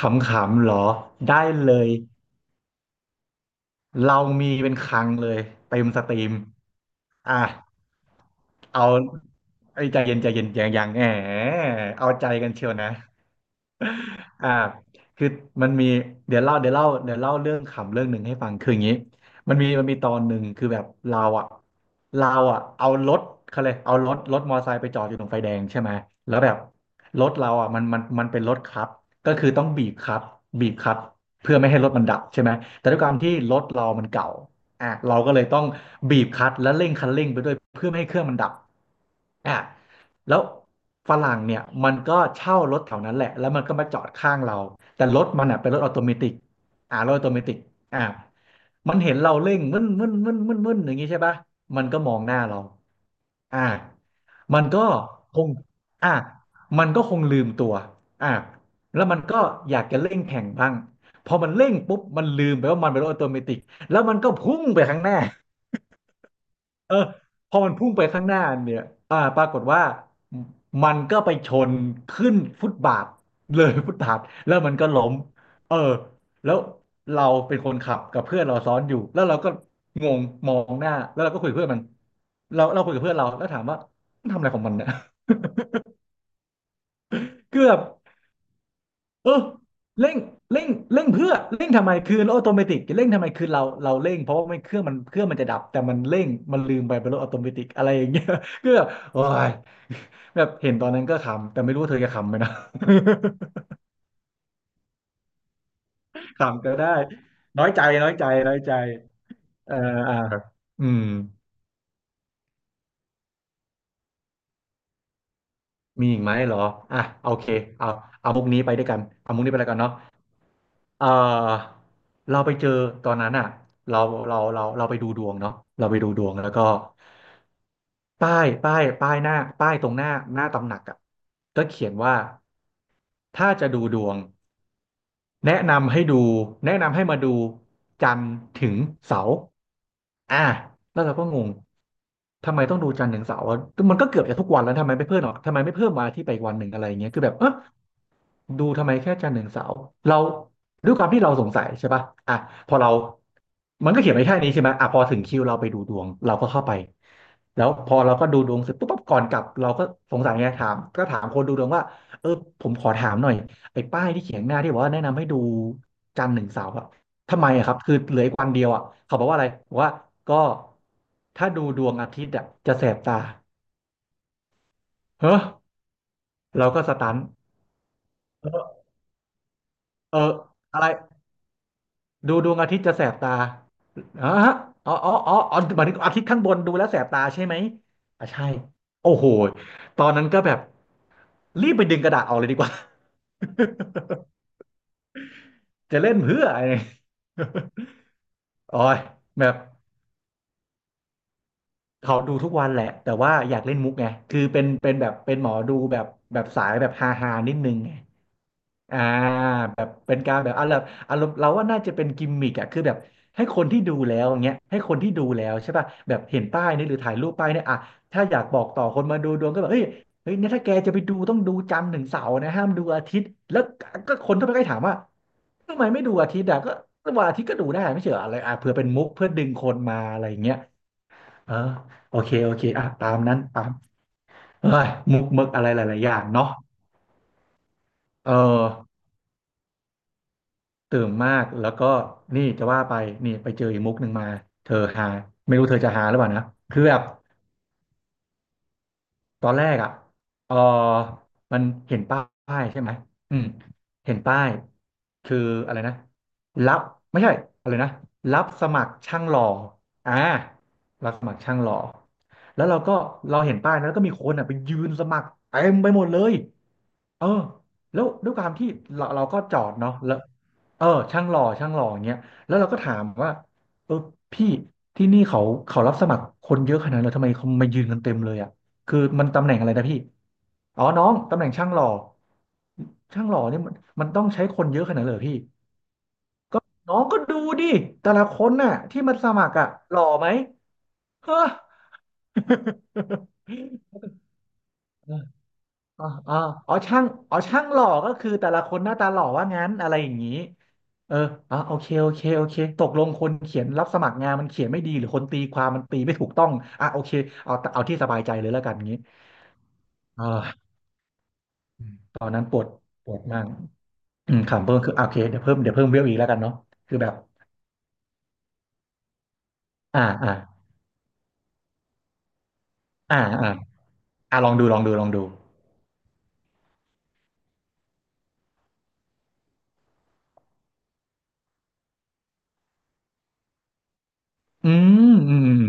ขำๆเหรอได้เลยเรามีเป็นคลังเลยเต็มสตรีมอ่ะเอาไอ้ยใจเย็นใจเย็นยังยังแหมเอาใจกันเชียวนะ อ่าคือมันมีเดี๋ยวเล่าเรื่องขำเรื่องหนึ่งให้ฟังคืออย่างนี้มันมีตอนหนึ่งคือแบบเราอ่ะเอารถเขาเลยเอารถมอเตอร์ไซค์ไปจอดอยู่ตรงไฟแดงใช่ไหมแล้วแบบรถเราอ่ะมันเป็นรถคับก็คือต้องบีบคับบีบคับเพื่อไม่ให้รถมันดับใช่ไหมแต่ด้วยความที่รถเรามันเก่าอ่ะเราก็เลยต้องบีบคลัตช์และเร่งคันเร่งไปด้วยเพื่อไม่ให้เครื่องมันดับอ่ะ แล้วฝรั่งเนี่ยมันก็เช่ารถแถวนั้นแหละแล้วมันก็มาจอดข้างเราแต่รถมันอ่ะเป็นรถออโตเมติกรถออโตเมติกอ่ามันเห็นเราเร่งมึนมึนมึนมึนมึนอย่างงี้ใช่ปะมันก็มองหน้าเราอ่ามันก็คงอ่ามันก็คงลืมตัวอ่าแล้วมันก็อยากจะเร่งแข่งบ้างพอมันเร่งปุ๊บมันลืมไปว่ามันเป็นรถออโตเมติกแล้วมันก็พุ่งไปข้างหน้า เออพอมันพุ่งไปข้างหน้าเนี่ยปรากฏว่าอืมมันก็ไปชนขึ้นฟุตบาทเลยฟุตบาทแล้วมันก็ล้มเออแล้วเราเป็นคนขับกับเพื่อนเราซ้อนอยู่แล้วเราก็งงมองหน้าแล้วเราก็คุยกับเพื่อนมันเราคุยกับเพื่อนเราแล้วถามว่ามันทำอะไรของมันเนี่ย คือแบบ เออเร่งเร่งเร่งเพื่อเร่งทำไมคือรถออโตเมติกเร่งทำไมคือเราเร่งเพราะว่าไมเครื่องมันจะดับแต่มันเร่งมันลืมไปเป็นรถออโตเมติกอะไรอย่างเงี้ย ก็แบบโอ้ย แบบเห็นตอนนั้นก็ขำแต่ไม่รู้ว่าเธอจะขำไหมนะ ขำก็ได้น้อยใจเอออ่าอืมมีอีกไหมเหรออ่ะโอเคเอาเอามุกนี้ไปแล้วกันเนาะ เออเราไปเจอตอนนั้นอ่ะเราเราไปดูดวงเนาะเราไปดูดวงแล้วก็ป้ายหน้าป้ายตรงหน้าหน้าตำหนักอ่ะก็เขียนว่าถ้าจะดูดวงแนะนำให้ดูแนะนำให้มาดูจันทร์ถึงเสาร์อ่ะแล้วเราก็งงทำไมต้องดูจันทร์ถึงเสาร์วะมันก็เกือบจะทุกวันแล้วทำไมไม่เพิ่มหรอกทำไมไม่เพิ่มมาอาที่ไปอีกวันหนึ่งอะไรอย่างเงี้ยคือแบบเออ ดูทำไมแค่จันทร์ถึงเสาร์เราด้วยความที่เราสงสัยใช่ป่ะอ่ะพอเรามันก็เขียนไว้แค่นี้ใช่ไหมอ่ะพอถึงคิวเราไปดูดวงเราก็เข้าไปแล้วพอเราก็ดูดวงเสร็จปุ๊บปั๊บก่อนกลับเราก็สงสัยไงถามคนดูดวงว่าเออผมขอถามหน่อยไอ้ป้ายที่เขียนหน้าที่บอกว่าแนะนำให้ดูจันทร์ถึงเสาร์อะทำไมอะครับคือเหลืออีกวันเดียวอะเขาบอกว่าอะไรบอกว่าก็ถ้าดูดวงอาทิตย์อะจะแสบตาเฮ้อเราก็สตันเออเออะไร ดูดวงอาทิตย์จะแสบตาอ๋อฮะอ๋อหมายถึงอาทิตย์ข้างบนดูแล้วแสบตาใช่ไหมอ่ะใช่โอ้โหตอนนั้นก็แบบรีบไปดึงกระดาษออกเลยดีกว่า จะเล่นเพื่ออะไรโอ้ยแบบเขาดูทุกวันแหละ แต่ว่าอยากเล่นมุกไง คือเป็นแบบเป็นหมอดูแบบแบบสายแบบฮาฮานิดนึงไง อ่าแบบเป็นการแบบอารมณ์เราว่าน่าจะเป็นกิมมิกอะคือแบบให้คนที่ดูแล้วอย่างเงี้ยให้คนที่ดูแล้วใช่ป่ะแบบเห็นป้ายนี้หรือถ่ายรูปป้ายเนี่ยอะถ้าอยากบอกต่อคนมาดูดวงก็แบบเฮ้ยเนี่ยถ้าแกจะไปดูต้องดูจันทร์ถึงเสาร์นะห้ามดูอาทิตย์แล้วก็คนก็ไปใกล้ถามว่าทำไมไม่ดูอาทิตย์อะก็วันอาทิตย์ก็ดูได้ไม่ใช่เฉยออะไรอะเผื่อเป็นมุกเพื่อดึงคนมาอะไรอย่างเงี้ยเออโอเคโอเคอ่ะตามนั้นตามเฮ้ยมุกมึกอะไรหลายๆอย่างเนาะเออ ตื่นมากแล้วก็นี่จะว่าไปนี่ไปเจออีกมุกหนึ่งมาเธอหาไม่รู้เธอจะหาหรือเปล่านะคือแบบตอนแรกอ่ะเออมันเห็นป้ายใช่ไหมอืมเห็นป้ายคืออะไรนะรับไม่ใช่อะไรนะรับสมัครช่างหล่ออ่ารับสมัครช่างหล่อแล้วเราก็เห็นป้ายนะแล้วก็มีคนอ่ะไปยืนสมัครเต็มไปหมดเลย เออแล้วด้วยความที่เราก็จอดเนาะแล้วเออช่างหล่อช่างหล่ออย่างเงี้ยแล้วเราก็ถามว่าเออพี่ที่นี่เขารับสมัครคนเยอะขนาดนั้นเลยทำไมเขามายืนกันเต็มเลยอ่ะคือมันตำแหน่งอะไรนะพี่อ๋อน้องตำแหน่งช่างหล่อช่างหล่อเนี่ยมันต้องใช้คนเยอะขนาดนั้นเลยเหรอพี่น้องก็ดูดิแต่ละคนน่ะที่มันสมัครอ่ะหล่อไหมเฮ้อ อ๋ออ๋ออ๋อช่างอ๋อช่างหล่อก็คือแต่ละคนหน้าตาหล่อว่างั้นอะไรอย่างนี้เอออ๋อโอเคโอเคโอเค ตกลงคนเขียนรับสมัครงานมันเขียนไม่ดีหรือคนตีความมันตีไม่ถูกต้องอ่ะโอเคเอาที่สบายใจเลยแล้วกันงี้อ่าอืมตอนนั้นปวดปวดมากอืมขำเพิ่มคืออ่ะโอเคเดี๋ยวเพิ่มเดี๋ยวเพิ่มเวลอีกแล้วกันเนาะคือแบบอ่าอ่าอ่าอ่าอ่าลองดูลองดูลองดูอืมอืม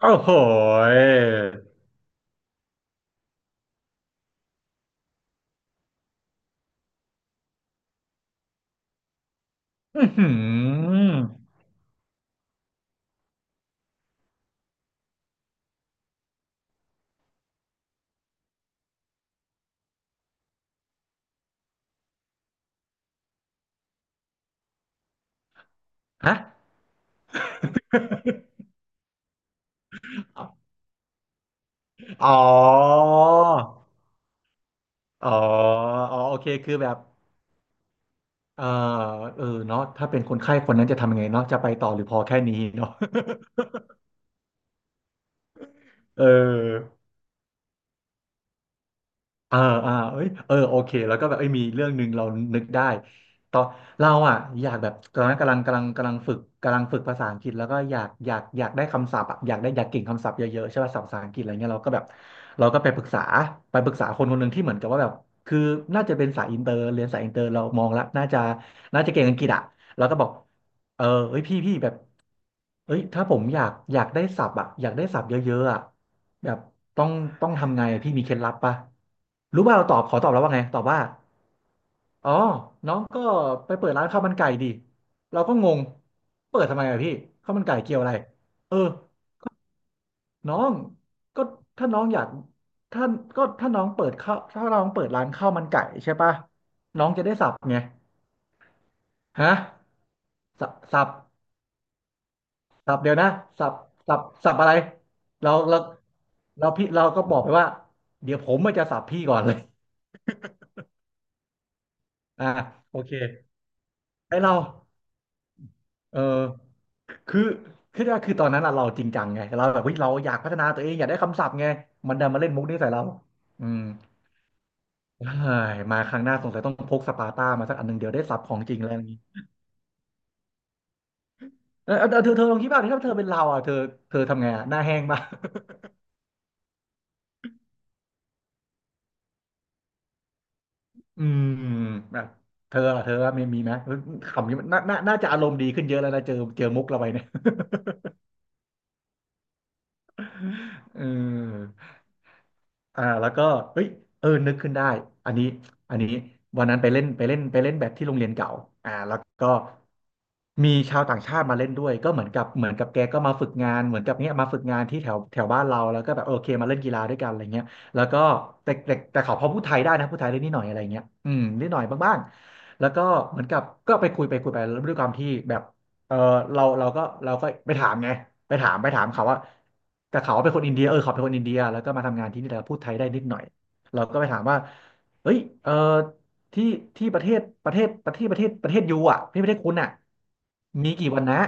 โอ้โหยอื้อหือฮะอ๋อ อ๋ออ๋อโอเคคือแบบเออเออเนาะถ้าเป็นคนไข้คนนั้นจะทำยังไงเนาะจะไปต่อหรือพอแค่นี้เนาะ เออ อ่าอ่าเอ้ยเออโอเคแล้วก็แบบเอ้ยมีเรื่องหนึ่งเรานึกได้ตอนเราอ่ะอยากแบบตอนนั้นกำลังฝึกกำลังฝึกภาษาอังกฤษแล้วก็อยากได้คำศัพท์อะอยากได้อยากเก่งคำศัพท์เยอะๆใช่ป่ะศัพท์ภาษาอังกฤษอะไรเงี้ยเราก็แบบเราก็ไปปรึกษาไปปรึกษาคนคนหนึ่งที่เหมือนกับว่าแบบคือน่าจะเป็นสายอินเตอร์เรียนสายอินเตอร์เรามองแล้วน่าจะเก่งอังกฤษอ่ะเราก็บอกเออเฮ้ยพี่แบบ เอ้ยถ้าผมอยากได้ศัพท์อะอยากได้ศัพท์เยอะๆอะแบบต้องต้องทำไงอะพี่มีเคล็ดลับปะรู้ป่ะเราตอบขอตอบแล้วว่าไงตอบว่าอ๋อน้องก็ไปเปิดร้านข้าวมันไก่ดิเราก็งงเปิดทำไมอะพี่ข้าวมันไก่เกี่ยวอะไรเออน้องก็ถ้าน้องอยากถ้าก็ถ้าน้องเปิดข้าวถ้าน้องเปิดร้านข้าวมันไก่ใช่ปะน้องจะได้สับไงฮะสัพ สับเดี๋ยวนะสับสับอะไรเราเราเราพี่เราก็บอกไปว่าเดี๋ยวผมมันจะสับพี่ก่อนเลย อ่าโอเคไอเราเออคือคือว่าคือตอนนั้นอะเราจริงจังไงเราแบบเฮ้ยเราอยากพัฒนาตัวเองอยากได้คำศัพท์ไงมันดันมาเล่นมุกนี้ใส่เราอืมเฮ้ยมาครั้งหน้าสงสัยต้องพกสปาร์ตามาสักอันหนึ่งเดี๋ยวได้สับของจริงแล้วอย่างนี้เออเออเธอลองคิดบ้างดิถ้าเธอเป็นเราอ่ะเธอทำไงอ่ะหน้าแห้งป่ะ อืมแบบเธอล่ะเธอว่ามีมีไหมคำนี้มันน่าจะอารมณ์ดีขึ้นเยอะแล้วนะเจอเจอมุกเราไปเนี่ย เออ อ่าแล้วก็เฮ้ยเออนึกขึ้นได้อันนี้อันนี้วันนั้นไปเล่นแบดที่โรงเรียนเก่าอ่าแล้วก็มีชาวต่างชาติมาเล่นด้วยก็เหมือนกับเหมือนกับแกก็มาฝึกงานเหมือนกับเนี้ยมาฝึกงานที่แถวแถวบ้านเราแล้วก็แบบโอเคมาเล่นกีฬาด้วยกันอะไรเงี้ยแล้วก็แต่เขาพอพูดไทยได้นะพูดไทยได้นิดหน่อยอะไรเงี้ยอืมนิดหน่อยบ้างๆแล้วก็เหมือนกับก็ไปแล้วด้วยความที่แบบ เออเราเราก็เราก็ไปถามไงไปถามเขาว่าแต่เขาเป็นคนอินเดียเออเขาเป็นคนอินเดียแล้วก็มาทำงานที่นี่แล้วพูดไทยได้นิดหน่อยเราก็ไปถามว่าเฮ้ยเออที่ที่ประเทศประเทศประเทศประเทศประเทศยูอ่ะที่ประเทศคุณอ่ะมีกี่วันนะ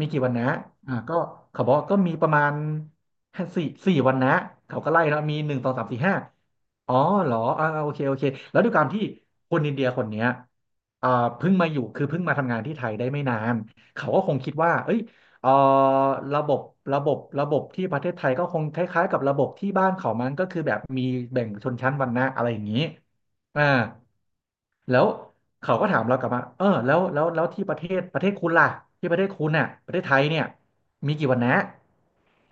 มีกี่วันนะอ่าก็เขาบอกว่าก็มีประมาณ้าสี่วันนะเขาก็ไล่เนาะมีหนึ่งสองสามสี่ห้าอ๋อเหรออ่าโอเคโอเคแล้วด้วยความที่คนอินเดียคนเนี้ยอ่าเพิ่งมาอยู่คือเพิ่งมาทำงานที่ไทยได้ไม่นานเขาก็คงคิดว่าเอ้ยเอ่อระบบระบบที่ประเทศไทยก็คงคล้ายๆกับระบบที่บ้านเขามันก็คือแบบมีแบ่งชนชั้นวรรณะอะไรอย่างนี้อ่า แล้วเขาก็ถามเรากลับมาเออแล้วที่ประเทศประเทศคุณล่ะที่ประเทศคุณน่ะประเทศไทยเนี่ยมีกี่วันนะ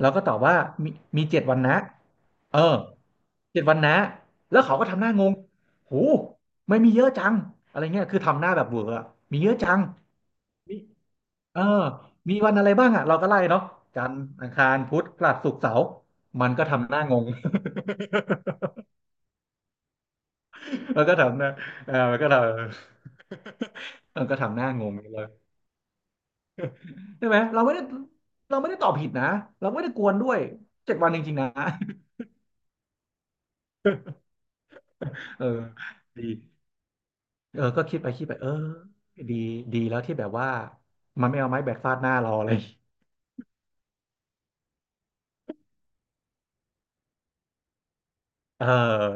เราก็ตอบว่ามีมีเจ็ดวันนะเออเจ็ดวันนะแล้วเขาก็ทำหน้างงโหไม่มีเยอะจังอะไรเงี้ยคือทำหน้าแบบเบื่ออะมีเยอะจังมีเออมีวันอะไรบ้างอ่ะเราก็ไล่เนาะจันทร์อังคารพุธพฤหัสศุกร์เสาร์มันก็ทำหน้างง มันก็ทำหน้าเออมันก็ทำหน้างงอย่างนี้เลยใช่ไหมเราไม่ได้ตอบผิดนะ เราไม่ได้กวนด้วยเจ็ดวันจริงๆนะ เออดีเออก็คิดไปเออดีดีแล้วที่แบบว่ามันไม่เอาไม้แบกฟาดหน้าเราเลยเออ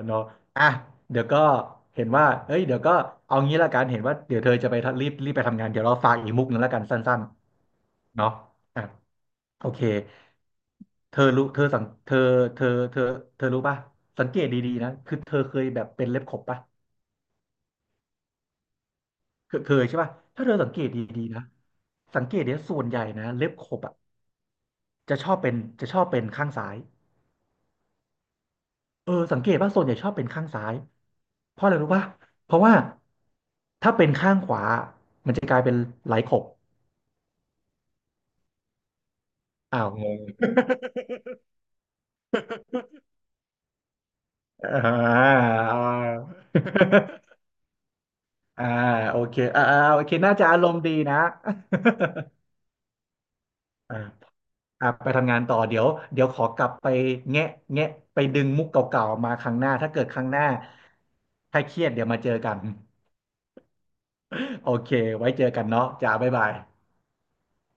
เนาะอ่ะเดี๋ยวก็เห็นว่าเอ้ยเดี๋ยวก็เอางี้ละกันเห็นว่าเดี๋ยวเธอจะไปทะรีบไปทำงาน เดี๋ยวเราฝากอีกมุกหนึ่งละกันสั้นๆเนาะอ่ะ โอเคเธอรู้เธอสังเธอเธอเธอรู้ป่ะสังเกตดีๆนะคือเธอเคยแบบเป็นเล็บขบป่ะเคยใช่ป่ะถ้าเธอสังเกตดีๆนะสังเกตเนี่ยส่วนใหญ่นะเล็บขบอ่ะจะชอบเป็นจะชอบเป็นข้างซ้ายเออสังเกตว่าส่วนใหญ่ชอบเป็นข้างซ้ายเพราะอะไรรู้ป่ะเพราะว่าถ้าเป็นข้างขวามันจะกลายเป็นไหลขบอ้าว งงอ่าอ่าโอเคโอเคน่าจะอารมณ์ดีนะ อ่า อ่ะไปทำงานต่อเดี๋ยวเดี๋ยวขอกลับไปแงะแงะไปดึงมุกเก่าๆมาครั้งหน้าถ้าเกิดครั้งหน้าถ้าเครียดเดี๋ยวมาเจอกัน โอเคไว้เจอกันเนาะจ้าบ๊ายบาย